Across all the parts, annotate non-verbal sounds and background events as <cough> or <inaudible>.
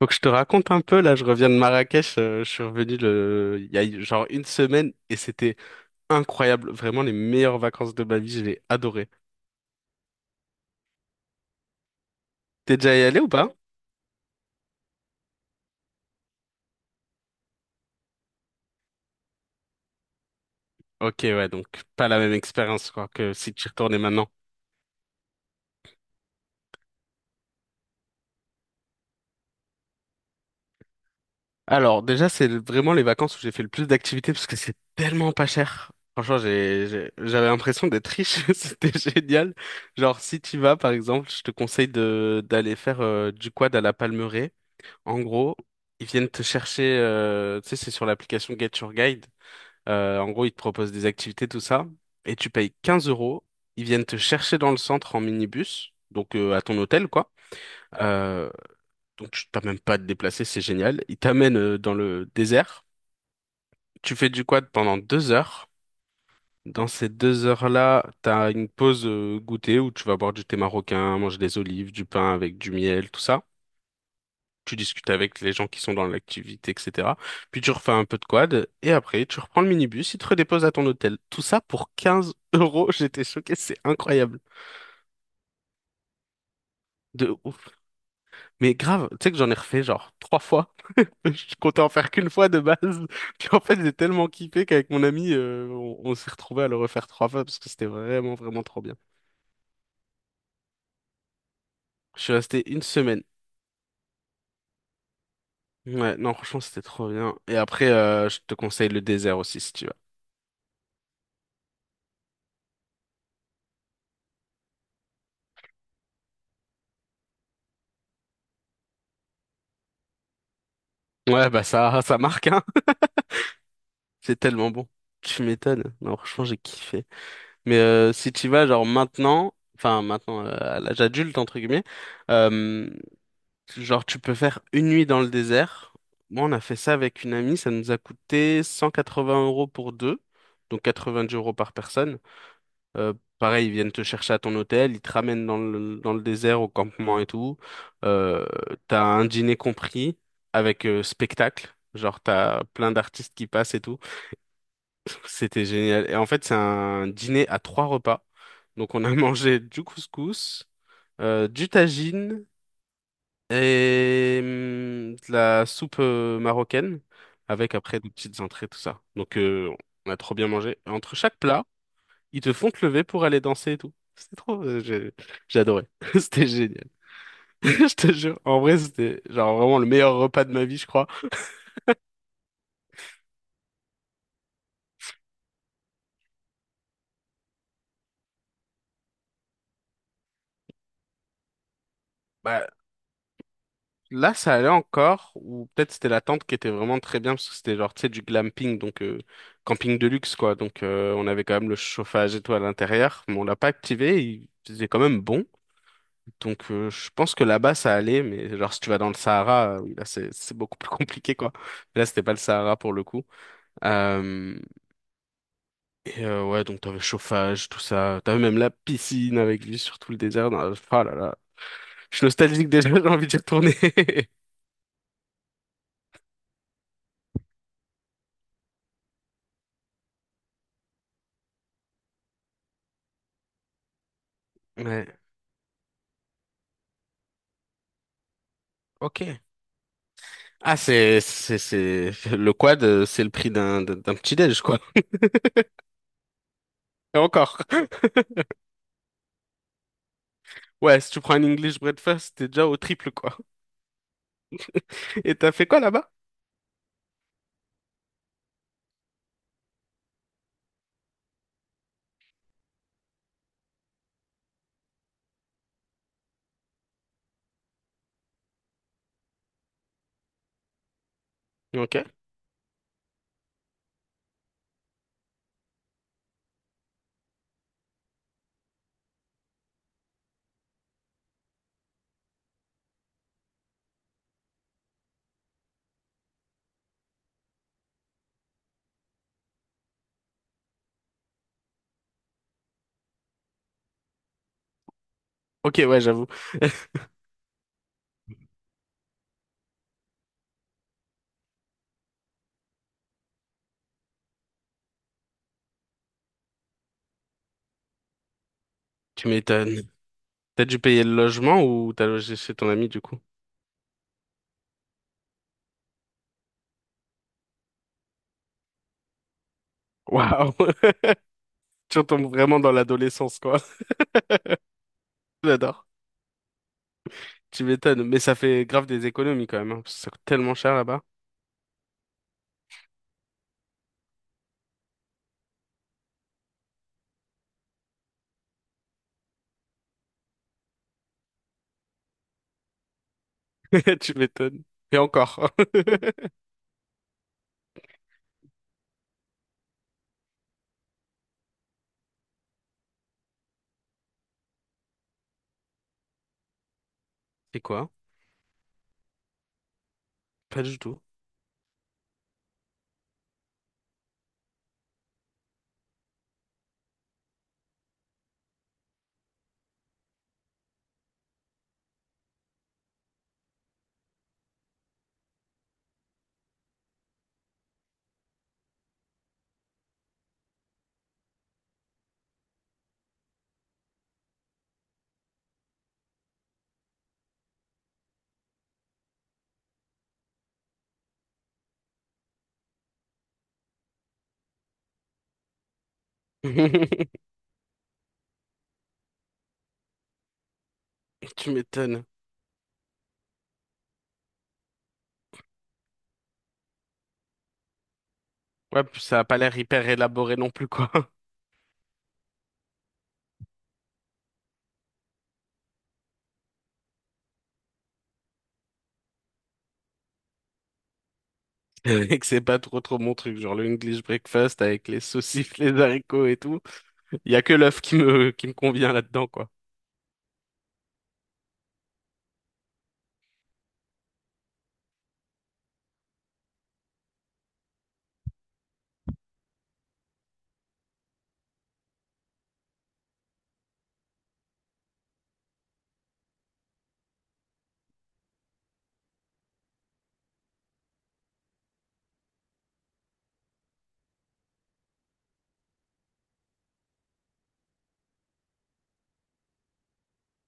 Faut que je te raconte un peu, là, je reviens de Marrakech, je suis revenu le... il y a genre une semaine et c'était incroyable, vraiment les meilleures vacances de ma vie, je l'ai adoré. T'es déjà y allé ou pas? Ok, ouais, donc pas la même expérience quoi, que si tu y retournais maintenant. Alors déjà, vraiment les vacances où j'ai fait le plus d'activités parce que c'est tellement pas cher. Franchement, j'avais l'impression d'être riche, <laughs> c'était génial. Genre, si tu vas, par exemple, je te conseille de d'aller faire du quad à la Palmeraie. En gros, ils viennent te chercher, tu sais, c'est sur l'application Get Your Guide. En gros, ils te proposent des activités, tout ça, et tu payes 15 euros. Ils viennent te chercher dans le centre en minibus, donc à ton hôtel, quoi. Euh, donc tu t'as même pas à te déplacer, c'est génial. Ils t'amènent dans le désert. Tu fais du quad pendant deux heures. Dans ces deux heures-là, t'as une pause goûter où tu vas boire du thé marocain, manger des olives, du pain avec du miel, tout ça. Tu discutes avec les gens qui sont dans l'activité, etc. Puis tu refais un peu de quad, et après, tu reprends le minibus, il te redépose à ton hôtel. Tout ça pour 15 <laughs> euros, j'étais choqué, c'est incroyable. De ouf. Mais grave, tu sais que j'en ai refait genre trois fois. <laughs> Je comptais en faire qu'une fois de base. <laughs> Puis en fait, j'ai tellement kiffé qu'avec mon ami, on s'est retrouvé à le refaire trois fois parce que c'était vraiment, vraiment trop bien. Je suis resté une semaine. Ouais, non, franchement, c'était trop bien. Et après, je te conseille le désert aussi si tu veux. Ouais, bah ça, ça marque, hein. C'est tellement bon. Tu m'étonnes. Non, franchement, j'ai kiffé. Mais si tu y vas, genre maintenant, enfin maintenant, à l'âge adulte, entre guillemets, euh, genre tu peux faire une nuit dans le désert. Moi, on a fait ça avec une amie, ça nous a coûté 180 euros pour deux, donc 90 euros par personne. Euh, pareil, ils viennent te chercher à ton hôtel, ils te ramènent dans le désert, au campement et tout. Euh, t'as un dîner compris avec spectacle, genre t'as plein d'artistes qui passent et tout. C'était génial. Et en fait, c'est un dîner à trois repas. Donc, on a <laughs> mangé du couscous, du tagine et de la soupe marocaine avec après des petites entrées, tout ça. Donc, on a trop bien mangé. Et entre chaque plat, ils te font te lever pour aller danser et tout. C'était trop. J'ai adoré. <laughs> C'était génial. <laughs> Je te jure. En vrai, c'était genre vraiment le meilleur repas de ma vie, je crois. Bah, là, ça allait encore, ou peut-être c'était la tente qui était vraiment très bien, parce que c'était genre, tu sais, du glamping, donc camping de luxe, quoi. Donc, on avait quand même le chauffage et tout à l'intérieur, mais on l'a pas activé, il faisait quand même bon. Donc, je pense que là-bas, ça allait, mais genre, si tu vas dans le Sahara, oui, là, c'est beaucoup plus <laughs> compliqué, quoi. Là, c'était pas le Sahara pour le coup. Euh, et ouais, donc t'avais chauffage, tout ça. T'avais même la piscine avec vue sur tout le désert. Oh là là, je suis nostalgique déjà, <laughs> j'ai envie d'y retourner. <laughs> Ouais. Ok. Ah, c'est, le quad, c'est le prix d'un petit déj, quoi. <laughs> Et encore. <laughs> Ouais, si tu prends un English breakfast, t'es déjà au triple, quoi. <laughs> Et t'as fait quoi là-bas? Ok. Ok, ouais, j'avoue. Tu m'étonnes. T'as dû payer le logement ou t'as logé chez ton ami, du coup? Waouh! <laughs> Tu retombes vraiment dans l'adolescence, quoi. <laughs> J'adore. Tu m'étonnes. Mais ça fait grave des économies, quand même, hein, parce que ça coûte tellement cher là-bas. <laughs> Tu m'étonnes. Et encore. <laughs> C'est quoi? Pas du tout. <laughs> Tu m'étonnes. Ouais, puis ça a pas l'air hyper élaboré non plus, quoi. <laughs> Et que c'est pas trop trop mon truc, genre le English breakfast avec les saucisses, les haricots et tout. Il y a que l'œuf qui me convient là-dedans, quoi.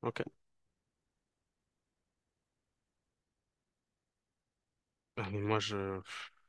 Ok. Ah, mais moi,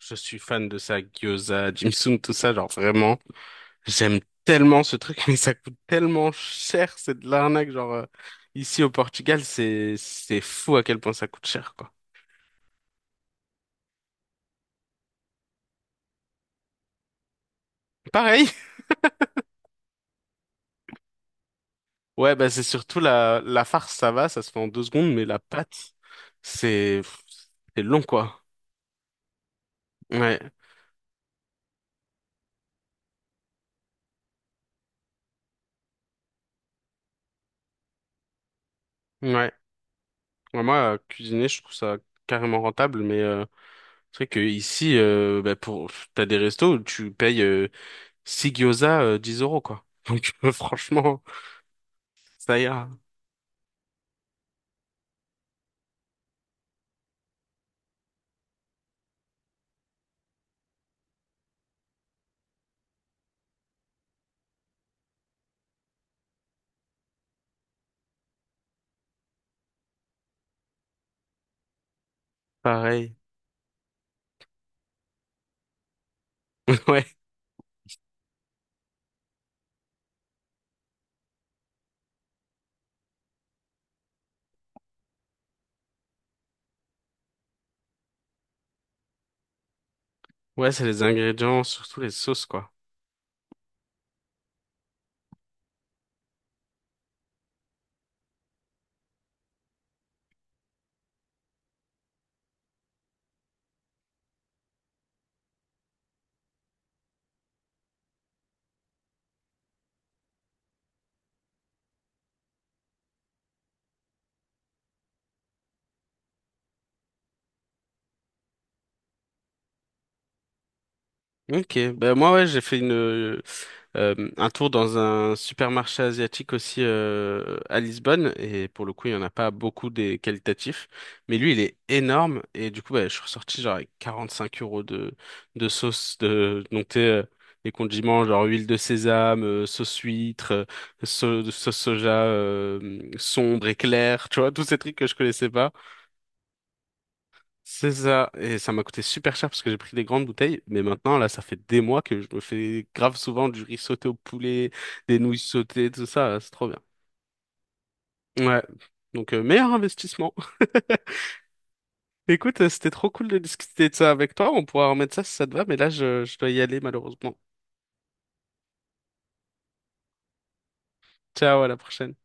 je suis fan de ça, gyoza, Jimsum, tout ça, genre vraiment. J'aime tellement ce truc, <laughs> mais ça coûte tellement cher, c'est de l'arnaque, genre ici au Portugal, c'est fou à quel point ça coûte cher, quoi. Pareil, ouais, bah c'est surtout la farce, ça va, ça se fait en deux secondes, mais la pâte, c'est c'est long, quoi. Ouais, ouais. Ouais, moi, cuisiner, je trouve ça carrément rentable, mais c'est vrai que ici, bah pour, pff, t'as des restos où tu payes 6 gyoza, 10 euros, quoi. Donc, <laughs> franchement, ça ira. Pareil. <laughs> Ouais. Ouais, c'est les ingrédients, surtout les sauces, quoi. Ok, ben moi ouais j'ai fait une, un tour dans un supermarché asiatique aussi à Lisbonne et pour le coup il y en a pas beaucoup des qualitatifs mais lui il est énorme et du coup bah, je suis ressorti genre avec 5 euros de sauce de donc t'es, les condiments genre huile de sésame sauce huître sauce soja sombre et claire tu vois tous ces trucs que je connaissais pas. C'est ça, et ça m'a coûté super cher parce que j'ai pris des grandes bouteilles, mais maintenant, là, ça fait des mois que je me fais grave souvent du riz sauté au poulet, des nouilles sautées, tout ça, c'est trop bien. Ouais, donc meilleur investissement. <laughs> Écoute, c'était trop cool de discuter de ça avec toi, on pourra remettre ça si ça te va, mais là, je dois y aller malheureusement. Ciao, à la prochaine.